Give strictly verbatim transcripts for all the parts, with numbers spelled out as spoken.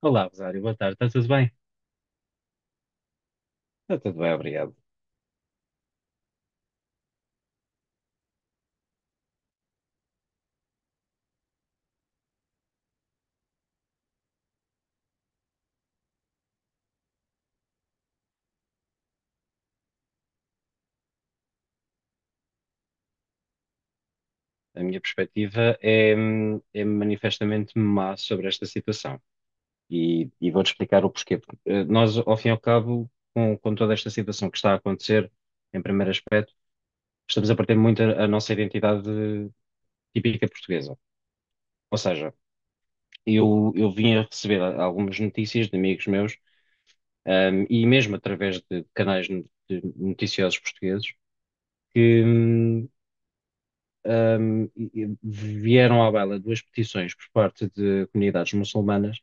Olá, Rosário, boa tarde, está tudo bem? Está tudo bem, obrigado. A minha perspectiva é, hum, é manifestamente má sobre esta situação e, e vou-te explicar o porquê. Porque, eh, Nós, ao fim e ao cabo, com, com toda esta situação que está a acontecer, em primeiro aspecto, estamos a perder muito a, a nossa identidade típica portuguesa. Ou seja, eu, eu vim a receber a- algumas notícias de amigos meus, hum, e mesmo através de canais no- de noticiosos portugueses, que hum, um, vieram à baila duas petições por parte de comunidades muçulmanas.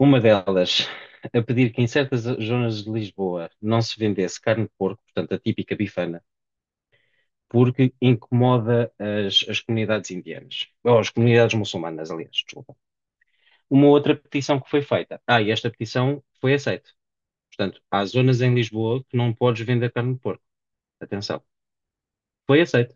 Uma delas a pedir que em certas zonas de Lisboa não se vendesse carne de porco, portanto a típica bifana, porque incomoda as, as comunidades indianas, ou as comunidades muçulmanas, aliás, desculpa. Uma outra petição que foi feita. Ah, e esta petição foi aceita. Portanto, há zonas em Lisboa que não podes vender carne de porco. Atenção. Foi aceita.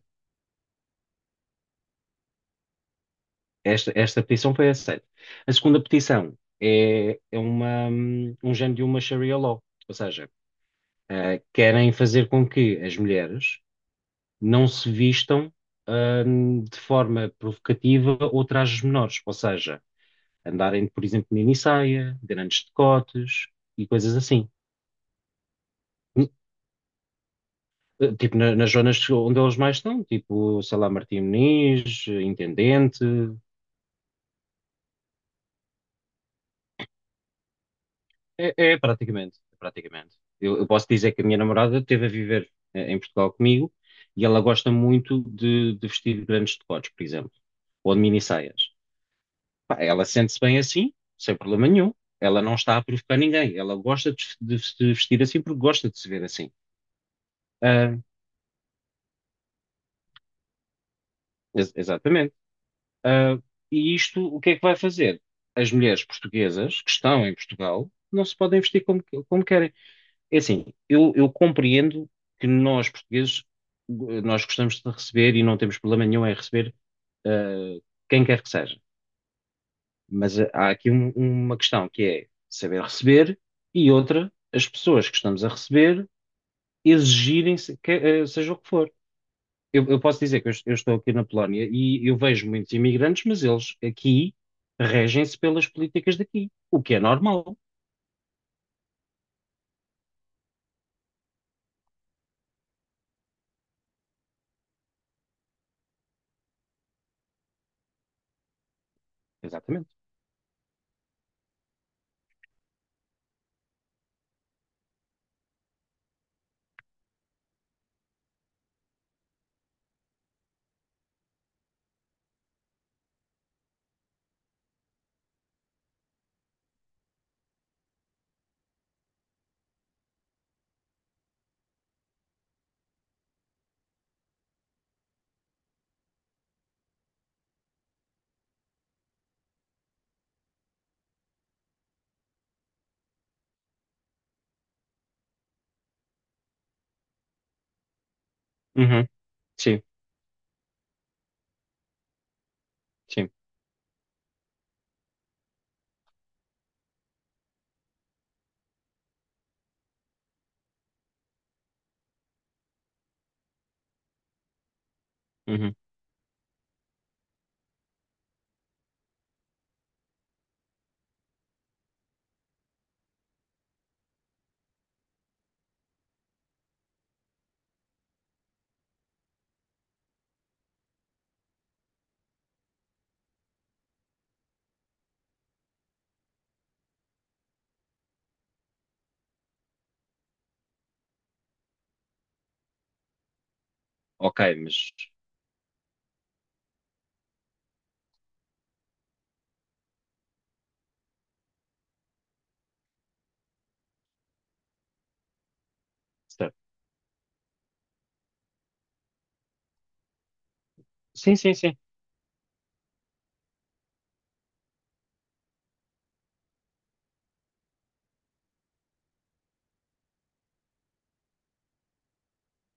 Esta, esta petição foi aceita. A segunda petição é, é uma, hum, um género de uma Sharia law, ou seja, eh, querem fazer com que as mulheres não se vistam, hum, de forma provocativa ou trajes menores, ou seja, andarem, por exemplo, mini saia, grandes decotes e coisas assim. Hum, eh, Tipo, na- nas zonas onde eles mais estão, tipo, sei lá, Martim Moniz, Intendente. É, é praticamente, é praticamente. Eu, eu posso dizer que a minha namorada esteve a viver eh, em Portugal comigo e ela gosta muito de, de vestir grandes decotes, por exemplo, ou de mini saias. Pá, ela sente-se bem assim, sem problema nenhum. Ela não está a provocar ninguém. Ela gosta de, de se vestir assim porque gosta de se ver assim. Ah, ex- exatamente. Ah, e isto, o que é que vai fazer? As mulheres portuguesas que estão em Portugal não se podem vestir como, como querem. É assim, eu, eu compreendo que nós, portugueses, eh, nós gostamos de receber e não temos problema nenhum em receber eh, quem quer que seja. Mas eh, há aqui um- uma questão que é saber receber e outra, as pessoas que estamos a receber exigirem se- que- eh, seja o que for. Eu, eu posso dizer que eu, est- eu estou aqui na Polónia e eu vejo muitos imigrantes, mas eles aqui regem-se pelas políticas daqui, o que é normal. Exatamente. Uhum. Sim, sim. Uhum. Ok, mas. Sim, sim, sim.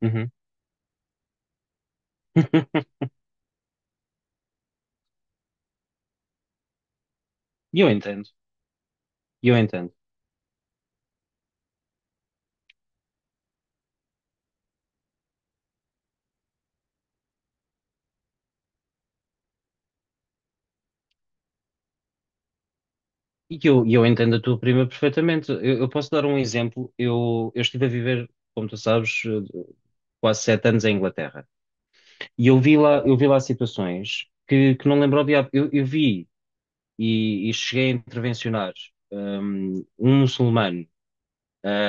Uhum. E eu entendo, e eu entendo. E eu, e eu entendo a tua prima perfeitamente. Eu, eu posso dar um exemplo. Eu, eu estive a viver, como tu sabes, eh, quase sete anos em Inglaterra. E eu vi lá, eu vi lá situações que, que não lembro ao diabo. Eu, eu vi e, e cheguei a intervencionar hum, um, muçulmano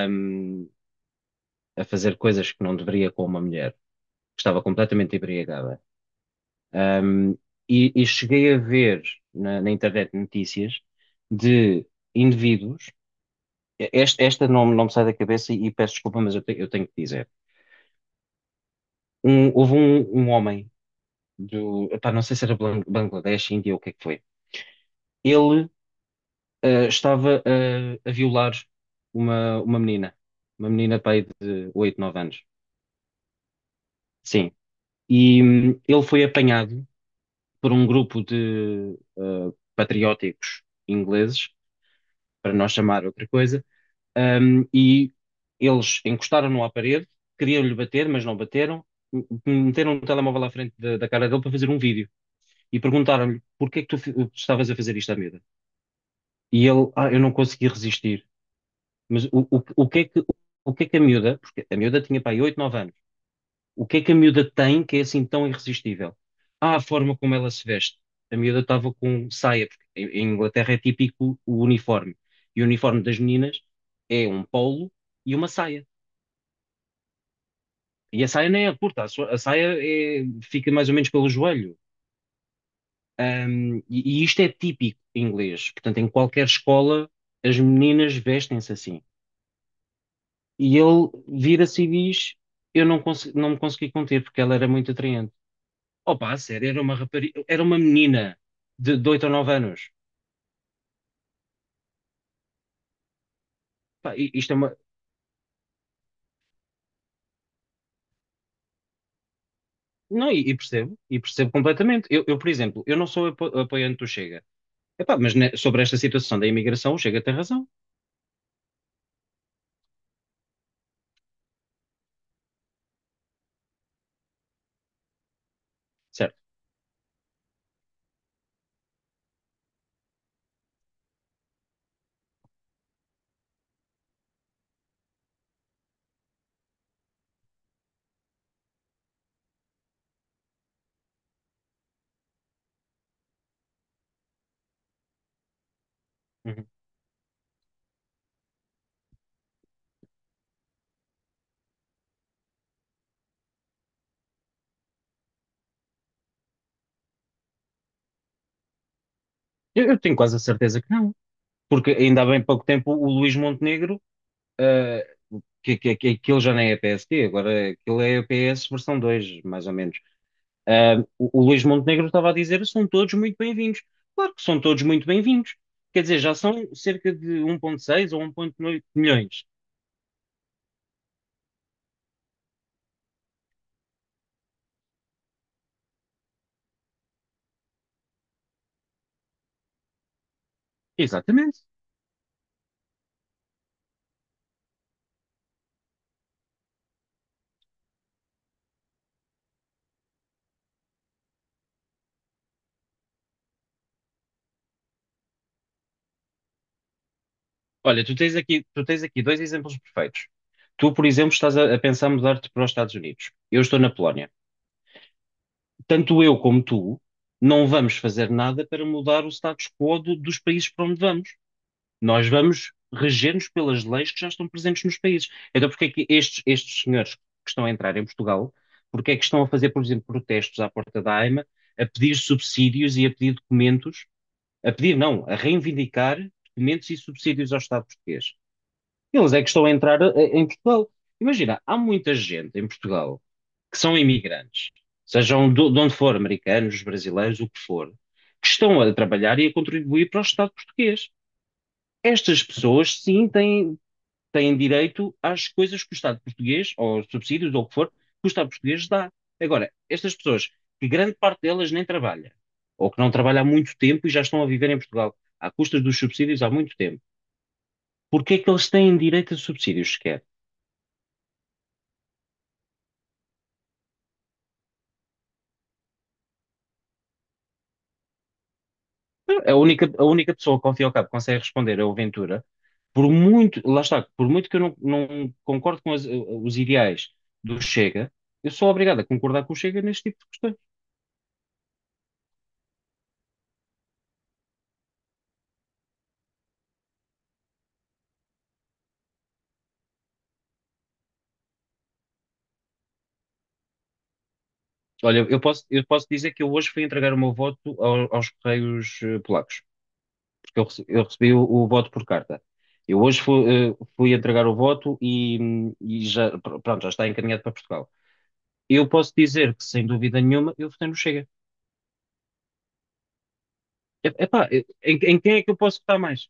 hum, a fazer coisas que não deveria com uma mulher que estava completamente embriagada. Um, e, e cheguei a ver na, na internet notícias de indivíduos, este- esta não, não me sai da cabeça e, peço desculpa, mas eu, te- eu tenho que dizer. Um- houve um, um homem do, epá, não sei se era Blan- Bangladesh, Índia ou o que é que foi. Ele ah, estava a, a violar uma, uma menina, uma menina pá, aí de oito nove anos. Sim. E hum, ele foi apanhado por um grupo de ah, patrióticos ingleses, para não chamar outra coisa. Um, e eles encostaram-no à parede, queriam-lhe bater, mas não bateram. m- Meteram um telemóvel à frente da, da cara dele para fazer um vídeo e perguntaram-lhe porquê é que tu fi- estavas a fazer isto à miúda? E ele: ah, eu não consegui resistir. Mas o, o, o que é que, o que é que a miúda, porque a miúda tinha para aí oito nove anos, o que é que a miúda tem que é assim tão irresistível? Ah, a forma como ela se veste. A miúda estava com saia, porque em, em Inglaterra é típico o uniforme. E o uniforme das meninas é um polo e uma saia. E a saia nem é curta, a sua- a saia é- fica mais ou menos pelo joelho. Ahm, e, e isto é típico inglês. Portanto, em qualquer escola, as meninas vestem-se assim. E ele vira-se e diz: eu não, conse- não me consegui conter porque ela era muito atraente. Opa, a sério, era uma rapariga, era uma menina de, de oito ou nove anos. Pá, i- isto é uma. Não, e, e percebo, e percebo completamente. Eu, eu, por exemplo, eu não sou apo- apoiante do Chega. Epá, mas ne- sobre esta situação da imigração, o Chega tem razão. Uhum. Eu, eu tenho quase a certeza que não, porque ainda há bem pouco tempo o Luís Montenegro, eh, que, que, que aquilo já nem é P S D, agora é- aquilo é P S versão dois, mais ou menos. Eh, o, o Luís Montenegro estava a dizer: são todos muito bem-vindos. Claro que são todos muito bem-vindos. Quer dizer, já são cerca de um vírgula seis ou um vírgula nove milhões. Exatamente. Olha, tu tens aqui, tu tens aqui dois exemplos perfeitos. Tu, por exemplo, estás a, a pensar mudar-te para os Estados Unidos. Eu estou na Polónia. Tanto eu como tu não vamos fazer nada para mudar o status quo do- dos países para onde vamos. Nós vamos reger-nos pelas leis que já estão presentes nos países. Então, porque é que estes, estes senhores que estão a entrar em Portugal, porque é que estão a fazer, por exemplo, protestos à porta da AIMA, a pedir subsídios e a pedir documentos, a pedir, não, a reivindicar documentos e subsídios ao Estado português? Eles é que estão a entrar eh, em Portugal. Imagina, há muita gente em Portugal que são imigrantes, sejam do- de onde for, americanos, brasileiros, o que for, que estão a trabalhar e a contribuir para o Estado português. Estas pessoas, sim, têm, têm direito às coisas que o Estado português, ou aos subsídios, ou o que for, que o Estado português dá. Agora, estas pessoas, que grande parte delas nem trabalha, ou que não trabalha há muito tempo e já estão a viver em Portugal, à custa dos subsídios há muito tempo, porque é que eles têm direito a subsídios sequer? A única, a única pessoa que ao fim e ao cabo consegue responder é o Ventura, por muito, lá está, por muito que eu não, não concordo com as- os ideais do Chega, eu sou obrigado a concordar com o Chega neste tipo de questões. Olha, eu posso, eu posso dizer que eu hoje fui entregar o meu voto ao- aos Correios eh, Polacos, porque eu, rece- eu recebi o, o voto por carta. Eu hoje fui, eh, fui entregar o voto e, hum, e já, pr- pronto, já está encaminhado para Portugal. Eu posso dizer que, sem dúvida nenhuma, eu votei no Chega. É, Epá, eh, em, em quem é que eu posso votar mais?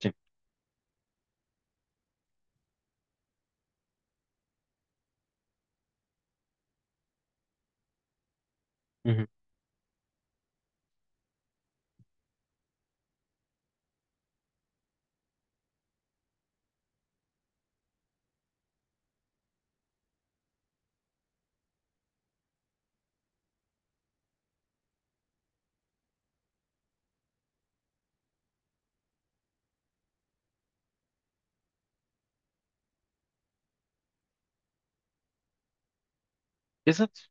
Sim. Uhum. Exato.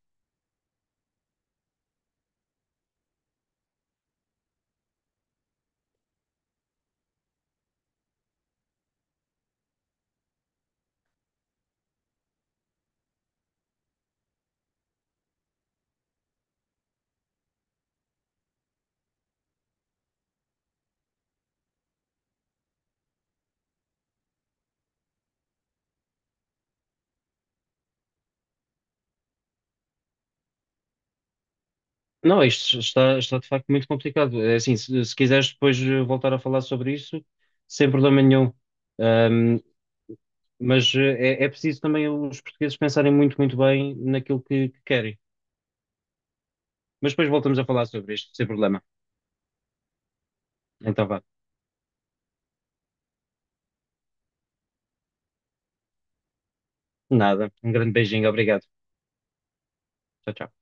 Não, isto está, está, de facto muito complicado. É assim, se, se quiseres depois eh, voltar a falar sobre isso, sem problema nenhum. Ahm, mas eh, é, é preciso também os portugueses pensarem muito, muito bem naquilo que, que querem. Mas depois voltamos a falar sobre isto, sem problema. Então vá. Nada. Um grande beijinho. Obrigado. Tchau, tchau.